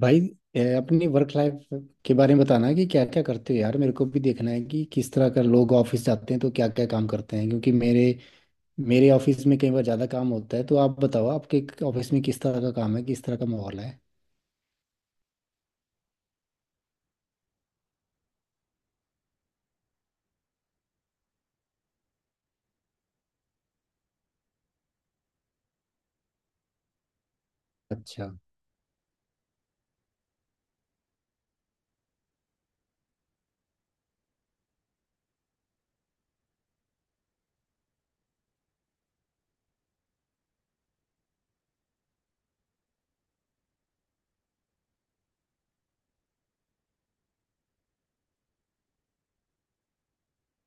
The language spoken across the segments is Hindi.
भाई, ए, अपनी वर्क लाइफ के बारे में बताना कि क्या क्या करते हो यार। मेरे को भी देखना है कि किस तरह का लोग ऑफिस जाते हैं तो क्या क्या काम करते हैं। क्योंकि मेरे मेरे ऑफिस में कई बार ज़्यादा काम होता है, तो आप बताओ आपके ऑफिस में किस तरह का काम है, किस तरह का माहौल है। अच्छा।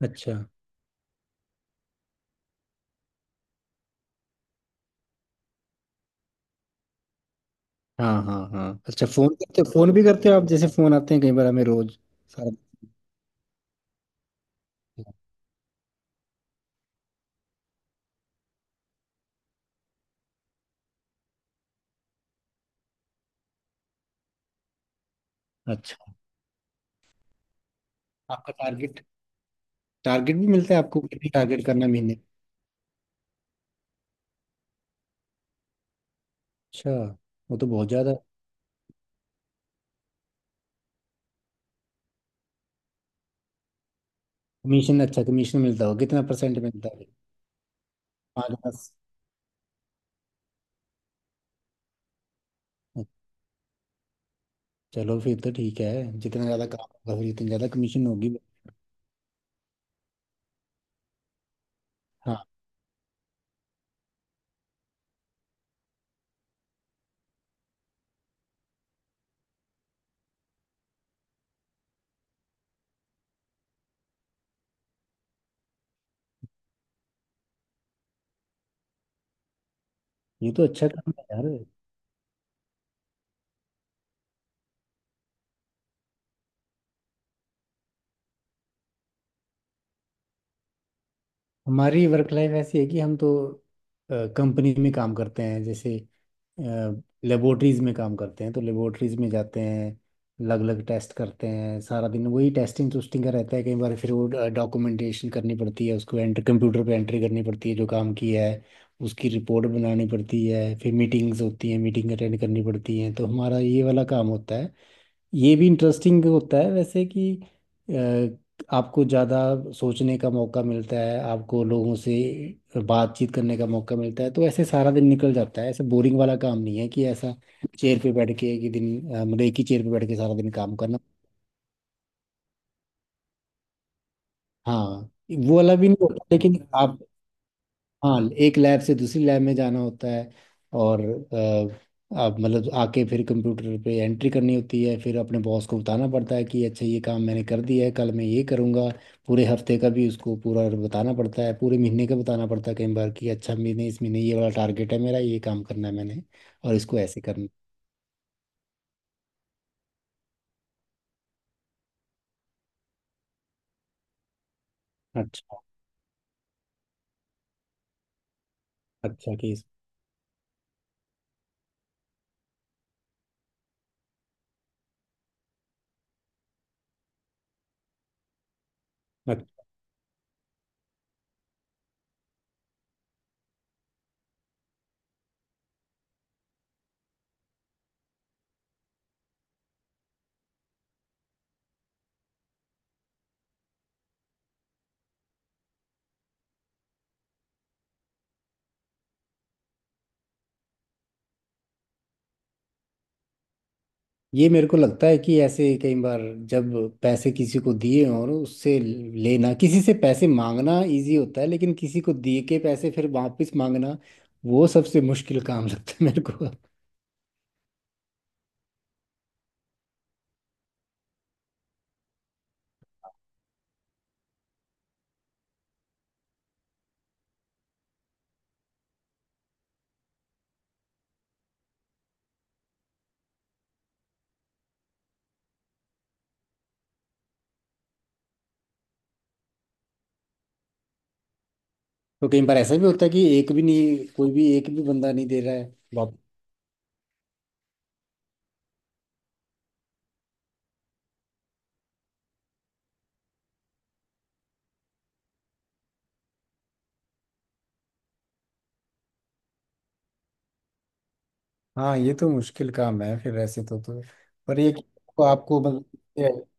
अच्छा। हाँ हाँ हाँ, अच्छा। फ़ोन करते हो? फ़ोन भी करते हो आप? जैसे फ़ोन आते हैं कई बार हमें रोज़। सारा। अच्छा। आपका टारगेट। टारगेट भी मिलता है आपको? कितनी टारगेट करना है महीने? अच्छा। वो तो बहुत ज़्यादा। कमीशन? अच्छा, कमीशन मिलता होगा। कितना परसेंट मिलता है? पाँच 10? चलो फिर तो ठीक है। जितना ज्यादा काम होगा, फिर उतनी ज्यादा कमीशन होगी। हाँ, ये तो अच्छा काम है यार। हमारी वर्क लाइफ ऐसी है कि हम तो कंपनी में काम करते हैं, जैसे लेबोरेटरीज में काम करते हैं। तो लेबोरेटरीज में जाते हैं, अलग अलग टेस्ट करते हैं। सारा दिन वही टेस्टिंग टूस्टिंग का रहता है। कई बार फिर वो डॉक्यूमेंटेशन करनी पड़ती है, उसको एंटर कंप्यूटर पे एंट्री करनी पड़ती है जो काम की है। उसकी रिपोर्ट बनानी पड़ती है, फिर मीटिंग्स होती हैं, मीटिंग अटेंड करनी पड़ती हैं। तो हमारा ये वाला काम होता है। ये भी इंटरेस्टिंग होता है वैसे कि अ, आपको ज़्यादा सोचने का मौका मिलता है, आपको लोगों से बातचीत करने का मौका मिलता है। तो ऐसे सारा दिन निकल जाता है। ऐसे बोरिंग वाला काम नहीं है कि ऐसा चेयर पे बैठ के कि दिन मतलब एक ही चेयर पे बैठ के सारा दिन काम करना। हाँ, वो वाला भी नहीं होता लेकिन आप। हाँ, एक लैब से दूसरी लैब में जाना होता है, और आप मतलब आके फिर कंप्यूटर पे एंट्री करनी होती है। फिर अपने बॉस को बताना पड़ता है कि अच्छा, ये काम मैंने कर दिया है, कल मैं ये करूँगा। पूरे हफ्ते का भी उसको पूरा बताना पड़ता है, पूरे महीने का बताना पड़ता है कई बार कि अच्छा, महीने इस महीने ये वाला टारगेट है मेरा, ये काम करना है मैंने, और इसको ऐसे करना। अच्छा। अच्छा, केस। ये मेरे को लगता है कि ऐसे कई बार जब पैसे किसी को दिए, और उससे लेना, किसी से पैसे मांगना इजी होता है, लेकिन किसी को दिए के पैसे फिर वापस मांगना, वो सबसे मुश्किल काम लगता है मेरे को। तो कई बार ऐसा भी होता है कि एक भी नहीं, कोई भी एक भी बंदा नहीं दे रहा है हाँ, ये तो मुश्किल काम है फिर ऐसे तो। पर ये कि आपको आपको मतलब,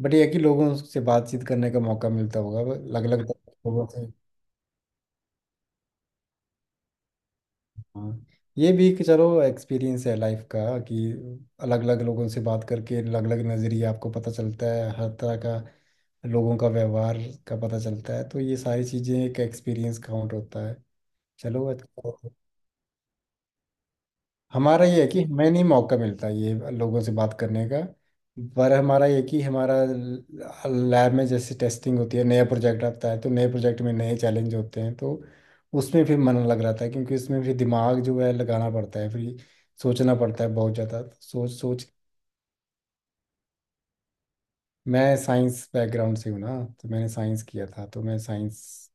बट ये है कि लोगों से बातचीत करने का मौका मिलता होगा अलग अलग लोगों से। हाँ, ये भी कि चलो एक्सपीरियंस है लाइफ का, कि अलग अलग लोगों से बात करके अलग अलग नज़रिया आपको पता चलता है, हर तरह का लोगों का व्यवहार का पता चलता है। तो ये सारी चीज़ें एक एक्सपीरियंस काउंट होता है। चलो, अच्छा। हमारा ये है कि हमें नहीं मौका मिलता ये लोगों से बात करने का। पर हमारा ये कि हमारा लैब में जैसे टेस्टिंग होती है, नया प्रोजेक्ट आता है, तो नए प्रोजेक्ट में नए चैलेंज होते हैं। तो उसमें फिर मन लग रहा था, क्योंकि उसमें फिर दिमाग जो है लगाना पड़ता है, फिर सोचना पड़ता है बहुत ज़्यादा, तो सोच सोच। मैं साइंस बैकग्राउंड से हूँ ना, तो मैंने साइंस किया था, तो मैं साइंस।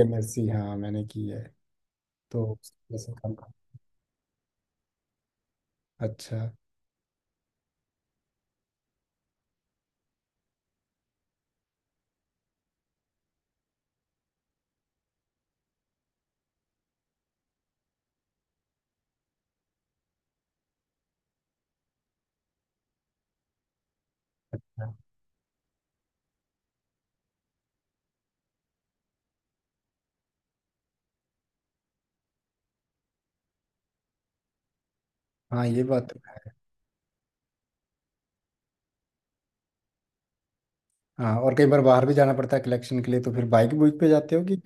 एमएससी, हाँ मैंने की है। तो वैसे अच्छा। हाँ, ये बात तो। हाँ, और कई बार बाहर भी जाना पड़ता है कलेक्शन के लिए, तो फिर बाइक बुक पे जाते हो कि।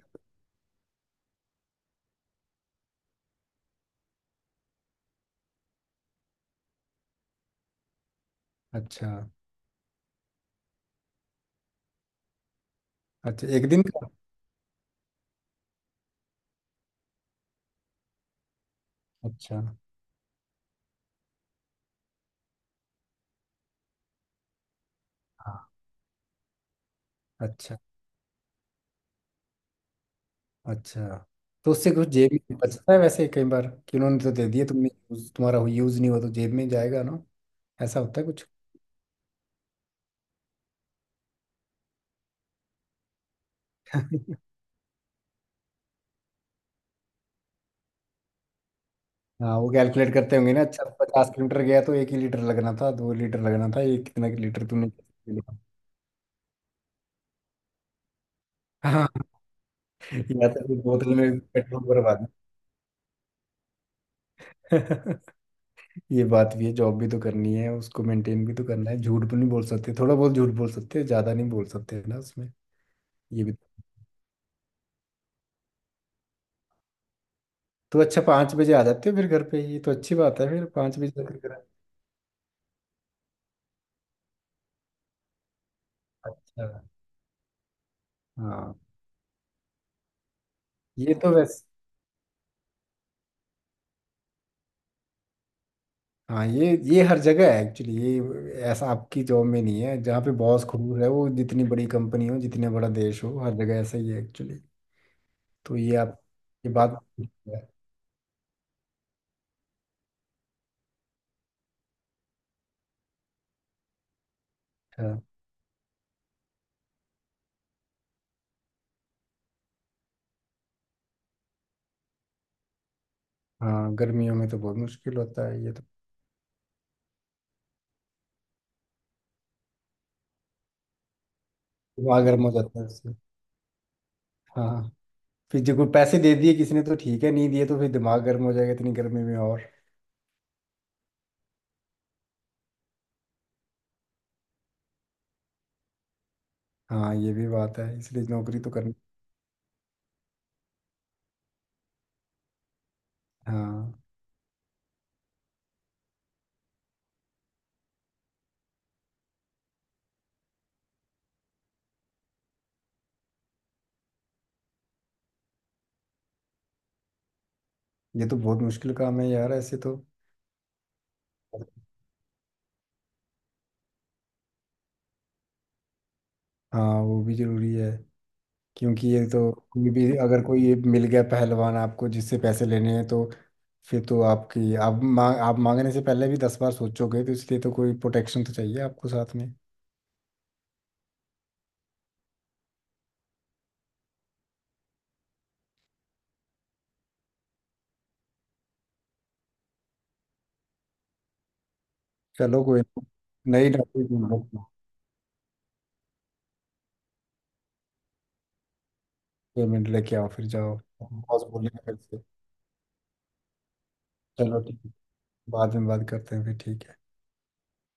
अच्छा। अच्छा, एक दिन का? अच्छा। हाँ। अच्छा। अच्छा, तो उससे कुछ जेब में बचता है वैसे कई बार कि उन्होंने तो दे दिए, तुमने तुम्हारा यूज नहीं हुआ तो जेब में ही जाएगा ना। ऐसा होता है कुछ? हाँ, वो कैलकुलेट करते होंगे ना। अच्छा, 50 किलोमीटर गया तो एक ही लीटर लगना था, 2 लीटर लगना था, ये कितना लीटर तुमने। हाँ, या तो फिर बोतल में पेट्रोल भरवा दो। ये बात भी है, जॉब भी तो करनी है, उसको मेंटेन भी तो करना है। झूठ भी नहीं बोल सकते, थोड़ा बहुत झूठ बोल सकते हैं, ज्यादा नहीं बोल सकते ना उसमें। ये भी। तो अच्छा, 5 बजे आ जाते हो फिर घर पे? ये तो अच्छी बात है फिर, 5 बजे तक घर। अच्छा। हाँ, ये तो वैसे। हाँ, ये हर जगह है एक्चुअली। ये ऐसा आपकी जॉब में नहीं है जहाँ पे बॉस क्रूर है, वो जितनी बड़ी कंपनी हो, जितना बड़ा देश हो, हर जगह ऐसा ही है एक्चुअली। तो ये आप। ये बात, अच्छा। हाँ। हाँ, गर्मियों में तो बहुत मुश्किल होता है ये तो। दिमाग गर्म हो जाता है उससे। हाँ। फिर जो कोई पैसे दे दिए किसी ने तो ठीक है, नहीं दिए तो फिर दिमाग गर्म हो जाएगा इतनी गर्मी में और। हाँ, ये भी बात है, इसलिए नौकरी तो करनी। हाँ, ये तो बहुत मुश्किल काम है यार ऐसे तो। हाँ, वो भी जरूरी है। क्योंकि ये तो कोई भी, अगर कोई ये मिल गया पहलवान आपको जिससे पैसे लेने हैं, तो फिर तो आपकी आप मांगने से पहले भी 10 बार सोचोगे। तो इसलिए तो कोई प्रोटेक्शन तो चाहिए आपको साथ में। चलो, कोई ना। नई नौकरी ढूंढो। पेमेंट लेके आओ फिर जाओ। बॉस बोलेगा फिर से। चलो, ठीक। बाद में बात करते हैं फिर, ठीक है।